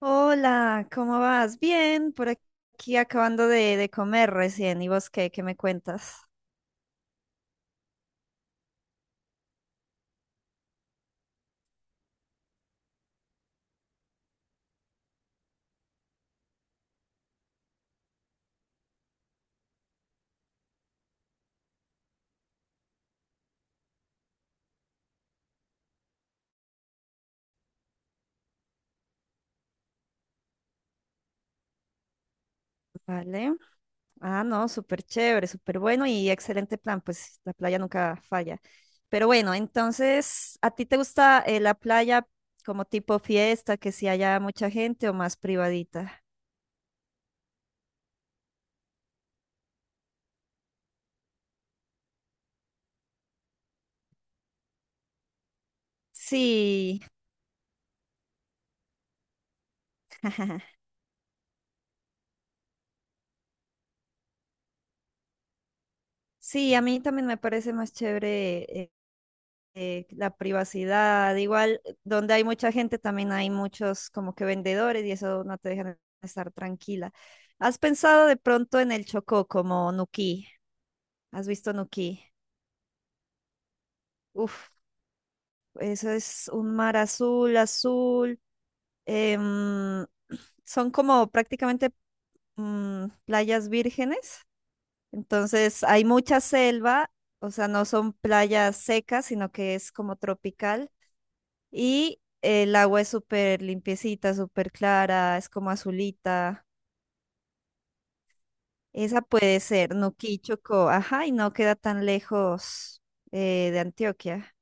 Hola, ¿cómo vas? Bien, por aquí acabando de comer recién. ¿Y vos qué me cuentas? Vale. Ah, no, súper chévere, súper bueno y excelente plan, pues la playa nunca falla. Pero bueno, entonces, ¿a ti te gusta la playa como tipo fiesta, que si haya mucha gente o más privadita? Sí, sí, a mí también me parece más chévere la privacidad, igual donde hay mucha gente también hay muchos como que vendedores y eso no te dejan estar tranquila. ¿Has pensado de pronto en el Chocó como Nuquí? ¿Has visto Nuquí? Uf, eso es un mar azul, azul. em, Son como prácticamente playas vírgenes, entonces hay mucha selva, o sea, no son playas secas, sino que es como tropical. Y el agua es súper limpiecita, súper clara, es como azulita. Esa puede ser Nuquí, Chocó. Ajá, y no queda tan lejos de Antioquia.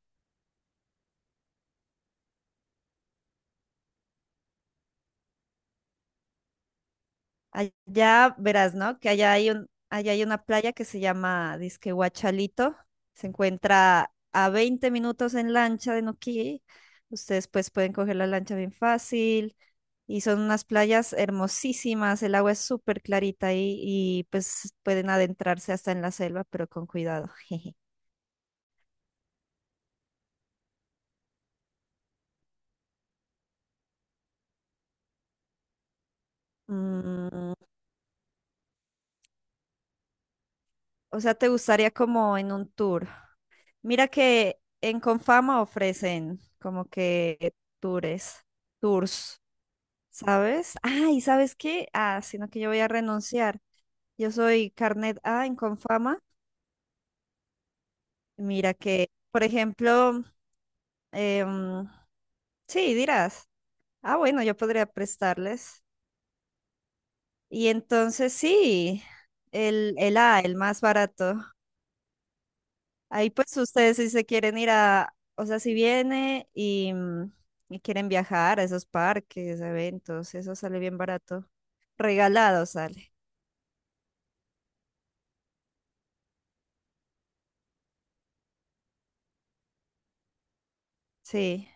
Allá verás, ¿no? Que allá hay una playa que se llama Disque Guachalito. Se encuentra a 20 minutos en lancha de Nuquí. Ustedes pues pueden coger la lancha bien fácil. Y son unas playas hermosísimas, el agua es súper clarita y pues pueden adentrarse hasta en la selva, pero con cuidado. jeje. Mm, o sea, te gustaría como en un tour. Mira que en Confama ofrecen como que tours, tours, ¿sabes? Ah, ¿y sabes qué? Ah, sino que yo voy a renunciar. Yo soy carnet A en Confama. Mira que, por ejemplo, em, sí, dirás, ah, bueno, yo podría prestarles. Y entonces sí, el A, el más barato. Ahí pues ustedes si se quieren ir a, o sea, si viene y, y quieren viajar a esos parques, eventos, eso sale bien barato. Regalado sale, sí.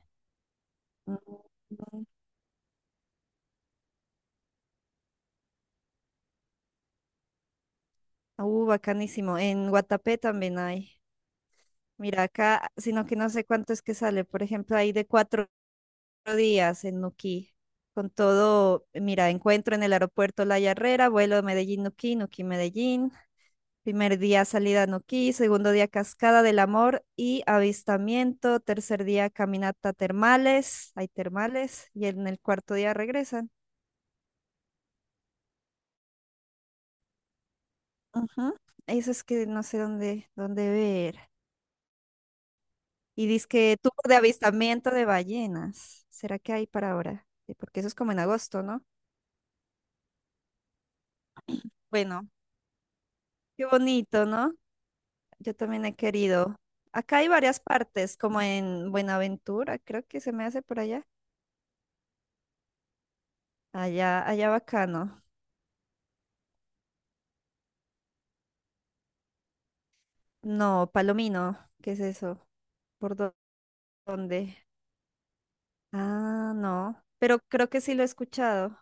Ujú. Bacanísimo. En Guatapé también hay. Mira acá, sino que no sé cuánto es que sale. Por ejemplo, hay de 4 días en Nuquí, con todo, mira, encuentro en el aeropuerto La Yarrera, vuelo Medellín-Nuquí, Nuquí-Medellín, primer día salida a Nuquí, segundo día Cascada del Amor y avistamiento, tercer día caminata termales, hay termales, y en el cuarto día regresan. Ujú. Eso es que no sé dónde ver. Y dice que tour de avistamiento de ballenas. ¿Será que hay para ahora? Porque eso es como en agosto, ¿no? Bueno, qué bonito, ¿no? Yo también he querido. Acá hay varias partes, como en Buenaventura, creo que se me hace por allá. Allá, allá bacano. No, Palomino, ¿qué es eso? ¿Por dó- dónde? Ah, no, pero creo que sí lo he escuchado.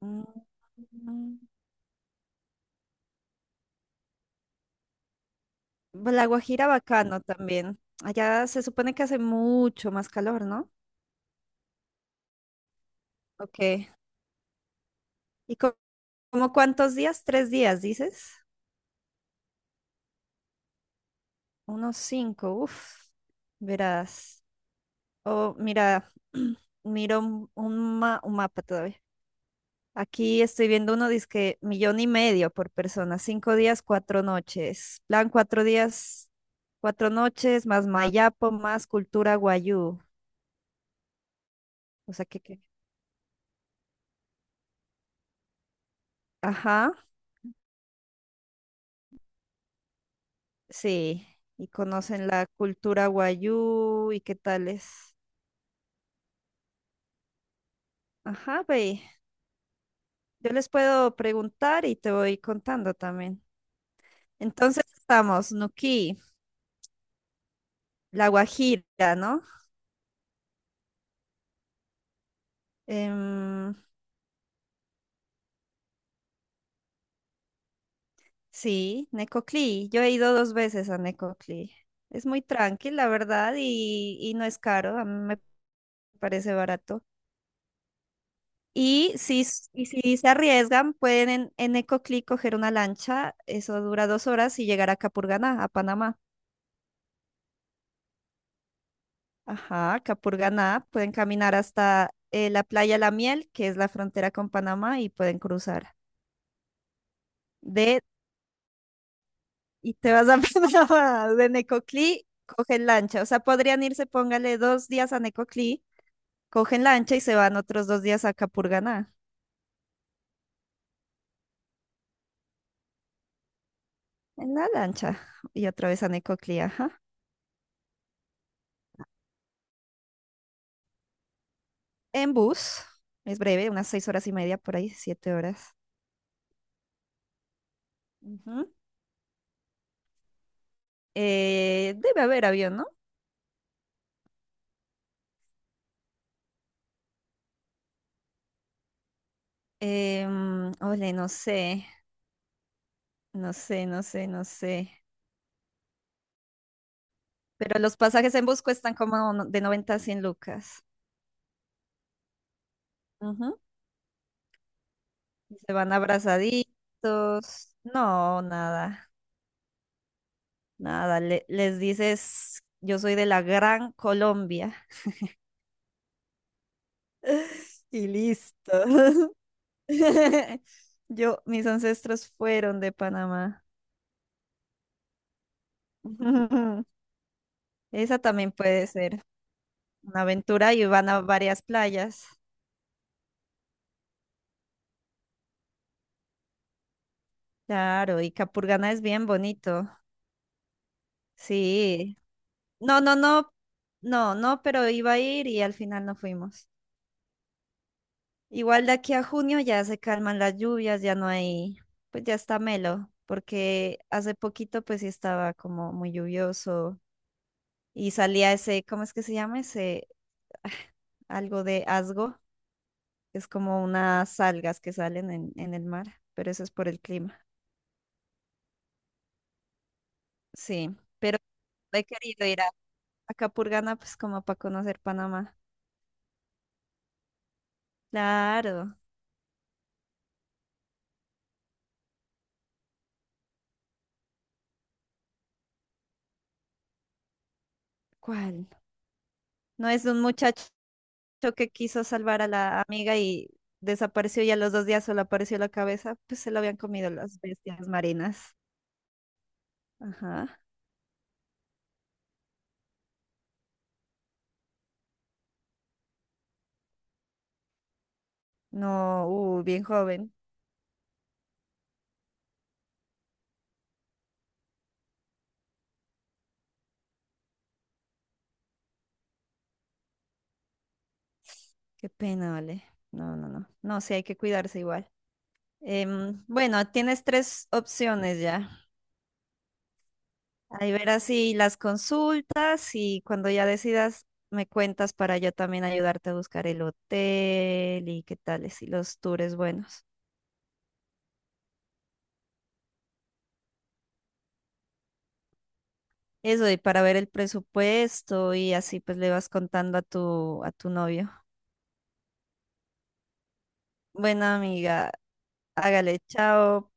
Mm, mm. Pues, La Guajira bacano también. Allá se supone que hace mucho más calor, ¿no? Ok. ¿Y como cuántos días? 3 días, dices. Unos cinco, uff. Verás. Oh, mira, miro un mapa todavía. Aquí estoy viendo uno, dice millón y medio por persona, 5 días, 4 noches. Plan 4 días, 4 noches, más Mayapo, más cultura guayú. O sea ajá, sí. Y conocen la cultura guayú y qué tales. Ajá, ve. Yo les puedo preguntar y te voy contando también. Entonces estamos, Nuquí, La Guajira, ¿no? Em, Sí, Necoclí. Yo he ido dos veces a Necoclí. Es muy tranqui, la verdad, y no es caro. A mí me parece barato. Y si se arriesgan, pueden en Necoclí coger una lancha. Eso dura 2 horas y llegar a Capurganá, a Panamá. Ajá, Capurganá. Pueden caminar hasta la playa La Miel, que es la frontera con Panamá, y pueden cruzar. De, y te vas a Panamá, de Necoclí, cogen lancha. O sea, podrían irse, póngale 2 días a Necoclí. Cogen lancha y se van otros 2 días a Capurganá, en la lancha, y otra vez a Necoclí, ajá. En bus, es breve, unas 6 horas y media por ahí, 7 horas. Ujú. Debe haber avión, ¿no? Ole, no sé, no sé, no sé, no sé. Pero los pasajes en bus cuestan como de 90 a 100 lucas. Ujú. Y se van abrazaditos. No, nada, nada. Les dices, yo soy de la Gran Colombia. Y listo. Yo, mis ancestros fueron de Panamá. Esa también puede ser una aventura y van a varias playas. Claro, y Capurganá es bien bonito. Sí. No, no, no, no, no, pero iba a ir y al final no fuimos. Igual de aquí a junio ya se calman las lluvias, ya no hay, pues ya está melo, porque hace poquito pues sí estaba como muy lluvioso y salía ese, ¿cómo es que se llama? Ese, ah, algo de asgo, es como unas algas que salen en el mar, pero eso es por el clima. Sí, pero he querido ir a Capurganá, pues como para conocer Panamá. Claro, ¿cuál? No es de un muchacho que quiso salvar a la amiga y desapareció y a los 2 días solo apareció la cabeza, pues se lo habían comido las bestias marinas. Ajá. No, bien joven. Qué pena, vale. No, no, no. No, sí, hay que cuidarse igual. Bueno, tienes tres opciones ya. Ahí verás si las consultas y cuando ya decidas me cuentas para yo también ayudarte a buscar el hotel y qué tales y si los tours buenos. Eso, y para ver el presupuesto y así pues le vas contando a tu novio. Bueno, amiga, hágale, chao.